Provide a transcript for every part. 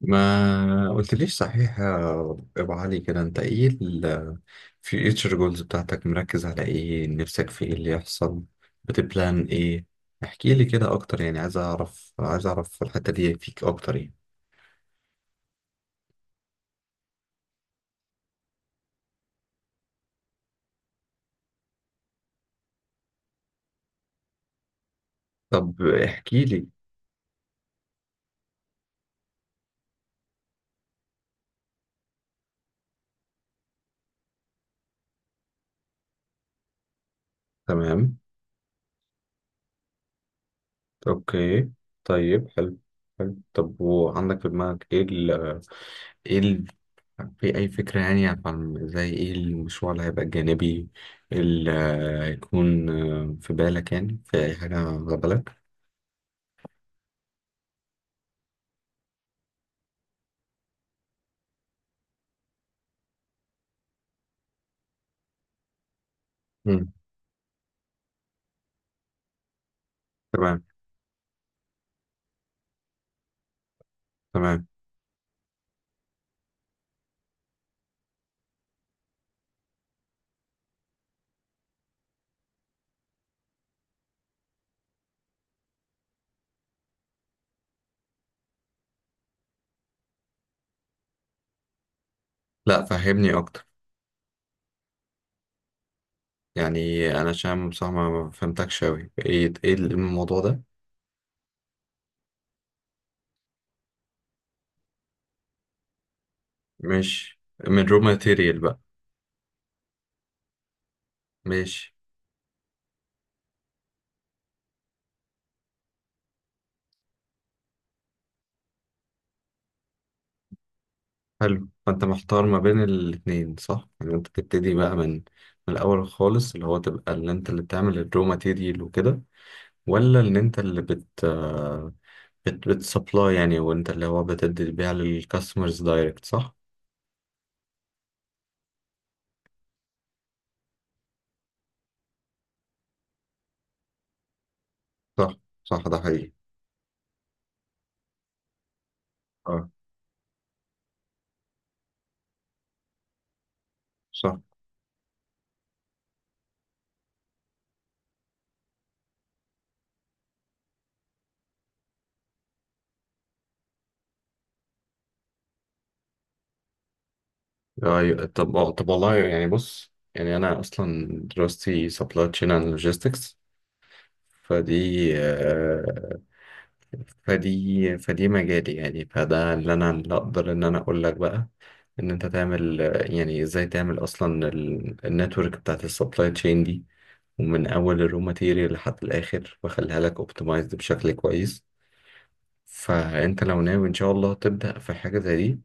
ما قلتليش صحيح يا ابو علي؟ كده انت ايه الفيوتشر جولز بتاعتك، مركز على ايه؟ نفسك في ايه اللي يحصل؟ بتبلان ايه؟ احكي لي كده اكتر يعني، عايز اعرف، الحتة دي فيك اكتر يعني. طب احكي لي. تمام. اوكي. طيب حلو. حلو، طب وعندك في دماغك ايه؟ ال... في اي فكرة يعني، عن زي ايه المشروع اللي هيبقى الجانبي اللي هيكون في بالك يعني؟ في اي حاجة على بالك؟ مم. تمام تمام. لا، فهمني اكتر يعني، انا عشان بصراحة ما فهمتكش اوي. ايه الموضوع ده؟ مش من رو ماتيريال بقى؟ ماشي. حلو. فانت محتار ما بين الاتنين، صح؟ يعني انت تبتدي بقى من الاول خالص، اللي هو تبقى اللي انت اللي بتعمل الرو ماتيريال وكده، ولا ان انت اللي بت آه، بت بتسبلاي يعني، وانت اللي هو بتدي بيها للكاستمرز دايركت، صح؟ صح صح، ده حقيقي. اه صح. ايوه طب، طب والله يعني بص، يعني انا اصلا دراستي سبلاي تشين اند لوجيستكس. فدي آه، فدي فدي مجالي يعني، فده اللي انا اقدر ان انا اقول لك بقى، ان انت تعمل، يعني ازاي تعمل اصلا النتورك بتاعت السبلاي تشين دي، ومن اول الرو ماتيريال لحد الاخر، واخليها لك اوبتمايزد بشكل كويس. فانت لو ناوي ان شاء الله تبدأ في حاجة زي دي،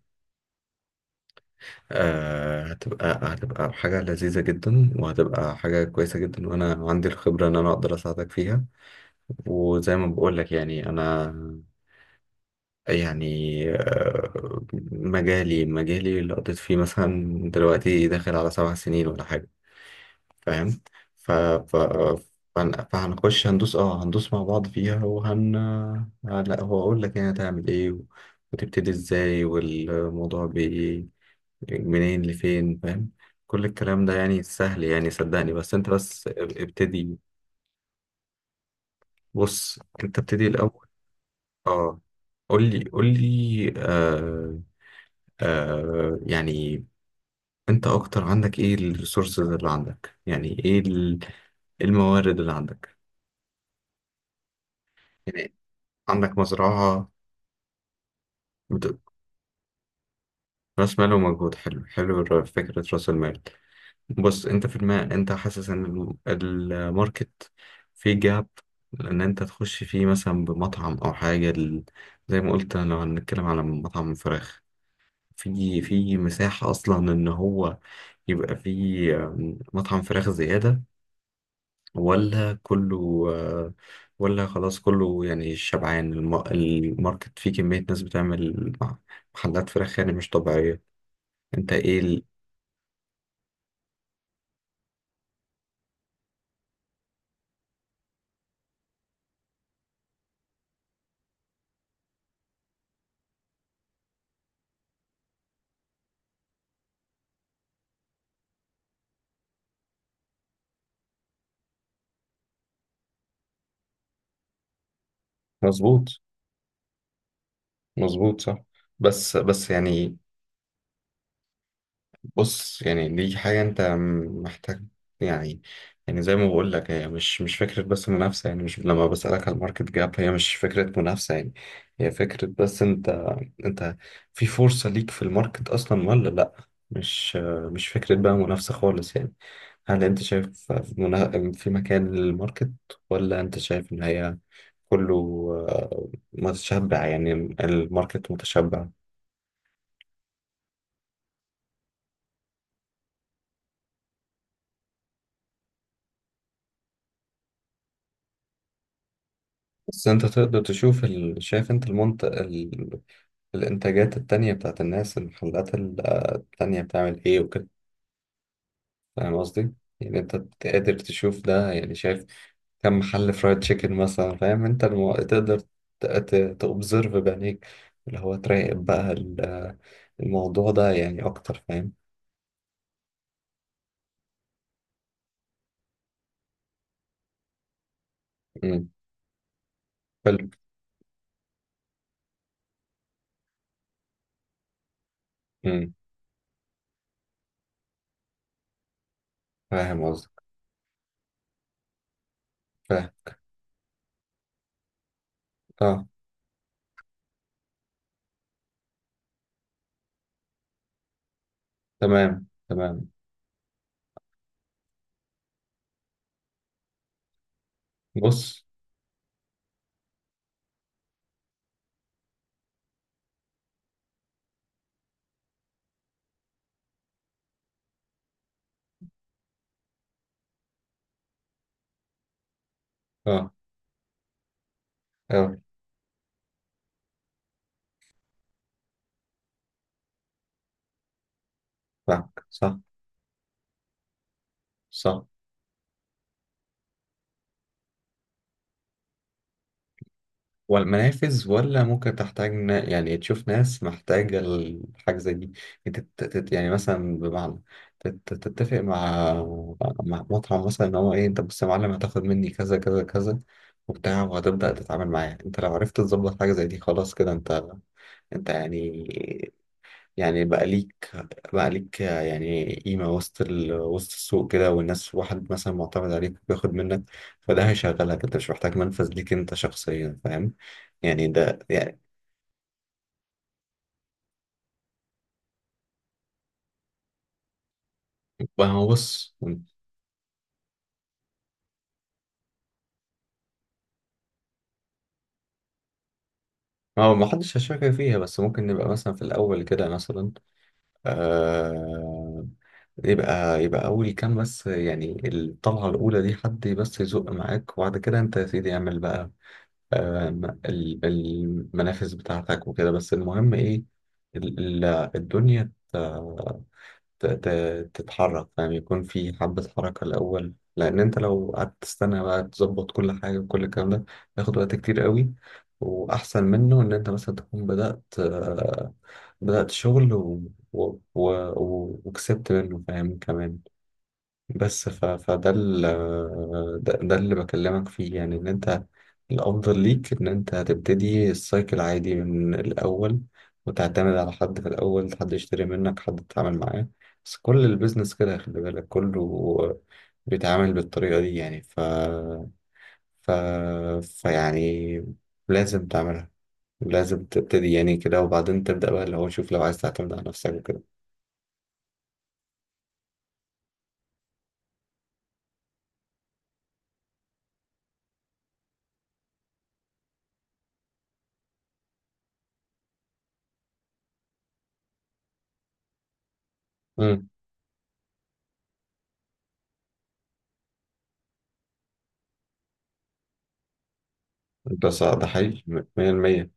هتبقى، حاجة لذيذة جدا، وهتبقى حاجة كويسة جدا، وانا عندي الخبرة ان انا اقدر اساعدك فيها. وزي ما بقول لك يعني، انا يعني، آه مجالي، اللي قضيت فيه مثلا دلوقتي داخل على 7 سنين ولا حاجة، فاهم؟ ف... ف... فهنخش هندوس، مع بعض فيها، لا، هو اقول لك يعني هتعمل ايه، وتبتدي ازاي، والموضوع منين لفين، فاهم؟ كل الكلام ده يعني سهل يعني، صدقني، بس انت بس ابتدي. بص انت ابتدي الاول. اه، قول لي قول لي، يعني انت اكتر عندك ايه؟ الريسورسز اللي عندك يعني، إيه الموارد اللي عندك؟ يعني عندك مزرعة؟ بت- رأس مال ومجهود. حلو حلو، فكرة رأس المال. بص، أنت في الماء، أنت حاسس إن الماركت فيه جاب؟ لأن أنت تخش فيه مثلا بمطعم أو حاجة زي ما قلت، لو هنتكلم على مطعم فراخ، في مساحة أصلا إن هو يبقى فيه مطعم فراخ زيادة، ولا كله، ولا خلاص كله يعني شبعان الماركت، فيه كمية ناس بتعمل محلات فراخ يعني مش طبيعية؟ انت ايه ال... مظبوط مظبوط، صح. بس يعني، بص، يعني دي حاجة أنت محتاج يعني، زي ما بقول لك، هي مش فكرة بس منافسة يعني. مش لما بسألك على الماركت جاب، هي مش فكرة منافسة يعني، هي فكرة بس، أنت، أنت في فرصة ليك في الماركت أصلا ولا لأ؟ مش مش فكرة بقى منافسة خالص يعني. هل أنت شايف في مكان للماركت، ولا أنت شايف إن هي كله، متشبع يعني الماركت متشبع؟ بس انت تقدر تشوف شايف انت المنطقة، الإنتاجات التانية بتاعت الناس، المحلات التانية بتعمل إيه وكده؟ فاهم قصدي؟ يعني أنت قادر تشوف ده يعني، شايف كم محل فرايد تشيكن مثلا؟ فاهم أنت تقدر تأوبزرف بعينيك، اللي هو تراقب بقى الموضوع ده يعني أكتر، فاهم؟ مم. حلو. مم. فاهم قصدك. فاهم. أه، تمام تمام. بص، أه أه فاهمك. صح. صح، ولا منافذ، ولا ممكن تحتاج يعني تشوف ناس محتاجة الحاجة زي دي. انت يعني، مثلا بمعنى، تتفق مع مطعم مثلا، ان هو ايه، انت بص يا معلم، هتاخد مني كذا كذا كذا وبتاع، وهتبدأ تتعامل معاه. انت لو عرفت تظبط حاجة زي دي، خلاص كده انت، يعني، بقى ليك، يعني قيمة وسط وسط السوق كده، والناس واحد مثلا معتمد عليك بياخد منك، فده هيشغلك. انت مش محتاج منفذ ليك انت شخصيا، فاهم يعني؟ ده يعني، ما هو بص، هو ما حدش هيشاركك فيها، بس ممكن نبقى مثلا في الأول كده مثلا، آه... يبقى، أول كام بس يعني، الطلعة الأولى دي حد بس يزق معاك، وبعد كده أنت يا سيدي اعمل بقى، المنافس بتاعتك وكده، بس المهم ايه، ال- ال- الدنيا تتحرك، فاهم؟ يكون في حبة حركة الأول، لأن أنت لو قعدت تستنى بقى تظبط كل حاجة وكل الكلام ده، ياخد وقت كتير قوي. وأحسن منه إن أنت مثلا تكون بدأت، شغل وكسبت منه، فاهم كمان؟ بس فده ده اللي بكلمك فيه يعني، ان انت الافضل ليك ان انت هتبتدي السايكل عادي من الاول، وتعتمد على حد في الاول، حد يشتري منك، حد تتعامل معاه، بس كل البيزنس كده خلي بالك، كله بيتعامل بالطريقة دي يعني. ف... فيعني لازم تعملها، لازم تبتدي يعني كده، وبعدين تبدأ بقى اللي هو شوف لو عايز تعتمد على نفسك وكده. امم ده صح، ده حقيقي 100%.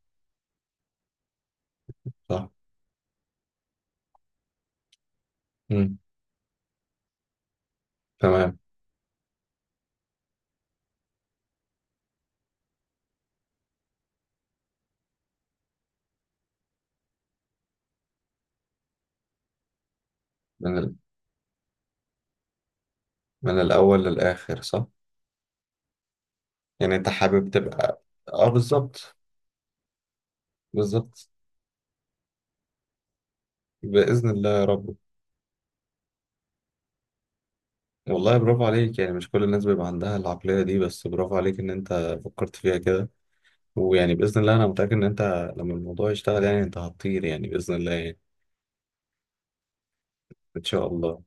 صح. امم تمام. من من الأول للآخر، صح؟ يعني أنت حابب تبقى، أه بالظبط. بالظبط. بإذن الله، يا رب. والله برافو عليك يعني، مش كل الناس بيبقى عندها العقلية دي، بس برافو عليك إن أنت فكرت فيها كده. ويعني بإذن الله أنا متأكد إن أنت لما الموضوع يشتغل يعني، أنت هتطير يعني، بإذن الله يعني. إن شاء الله.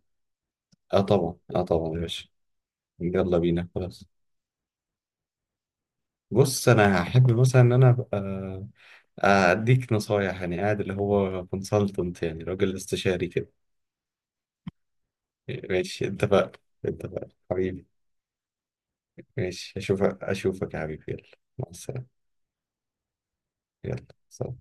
أه طبعا، أه طبعا ماشي. يلا بينا خلاص. بص، أنا هحب مثلا إن أنا أبقى، أديك نصايح يعني، قاعد اللي هو كونسلتنت يعني، راجل استشاري كده. ماشي، اتفقنا. اتفقنا حبيبي. ماشي، اشوفك اشوفك يا حبيبي، يلا مع السلامة. يلا سلام.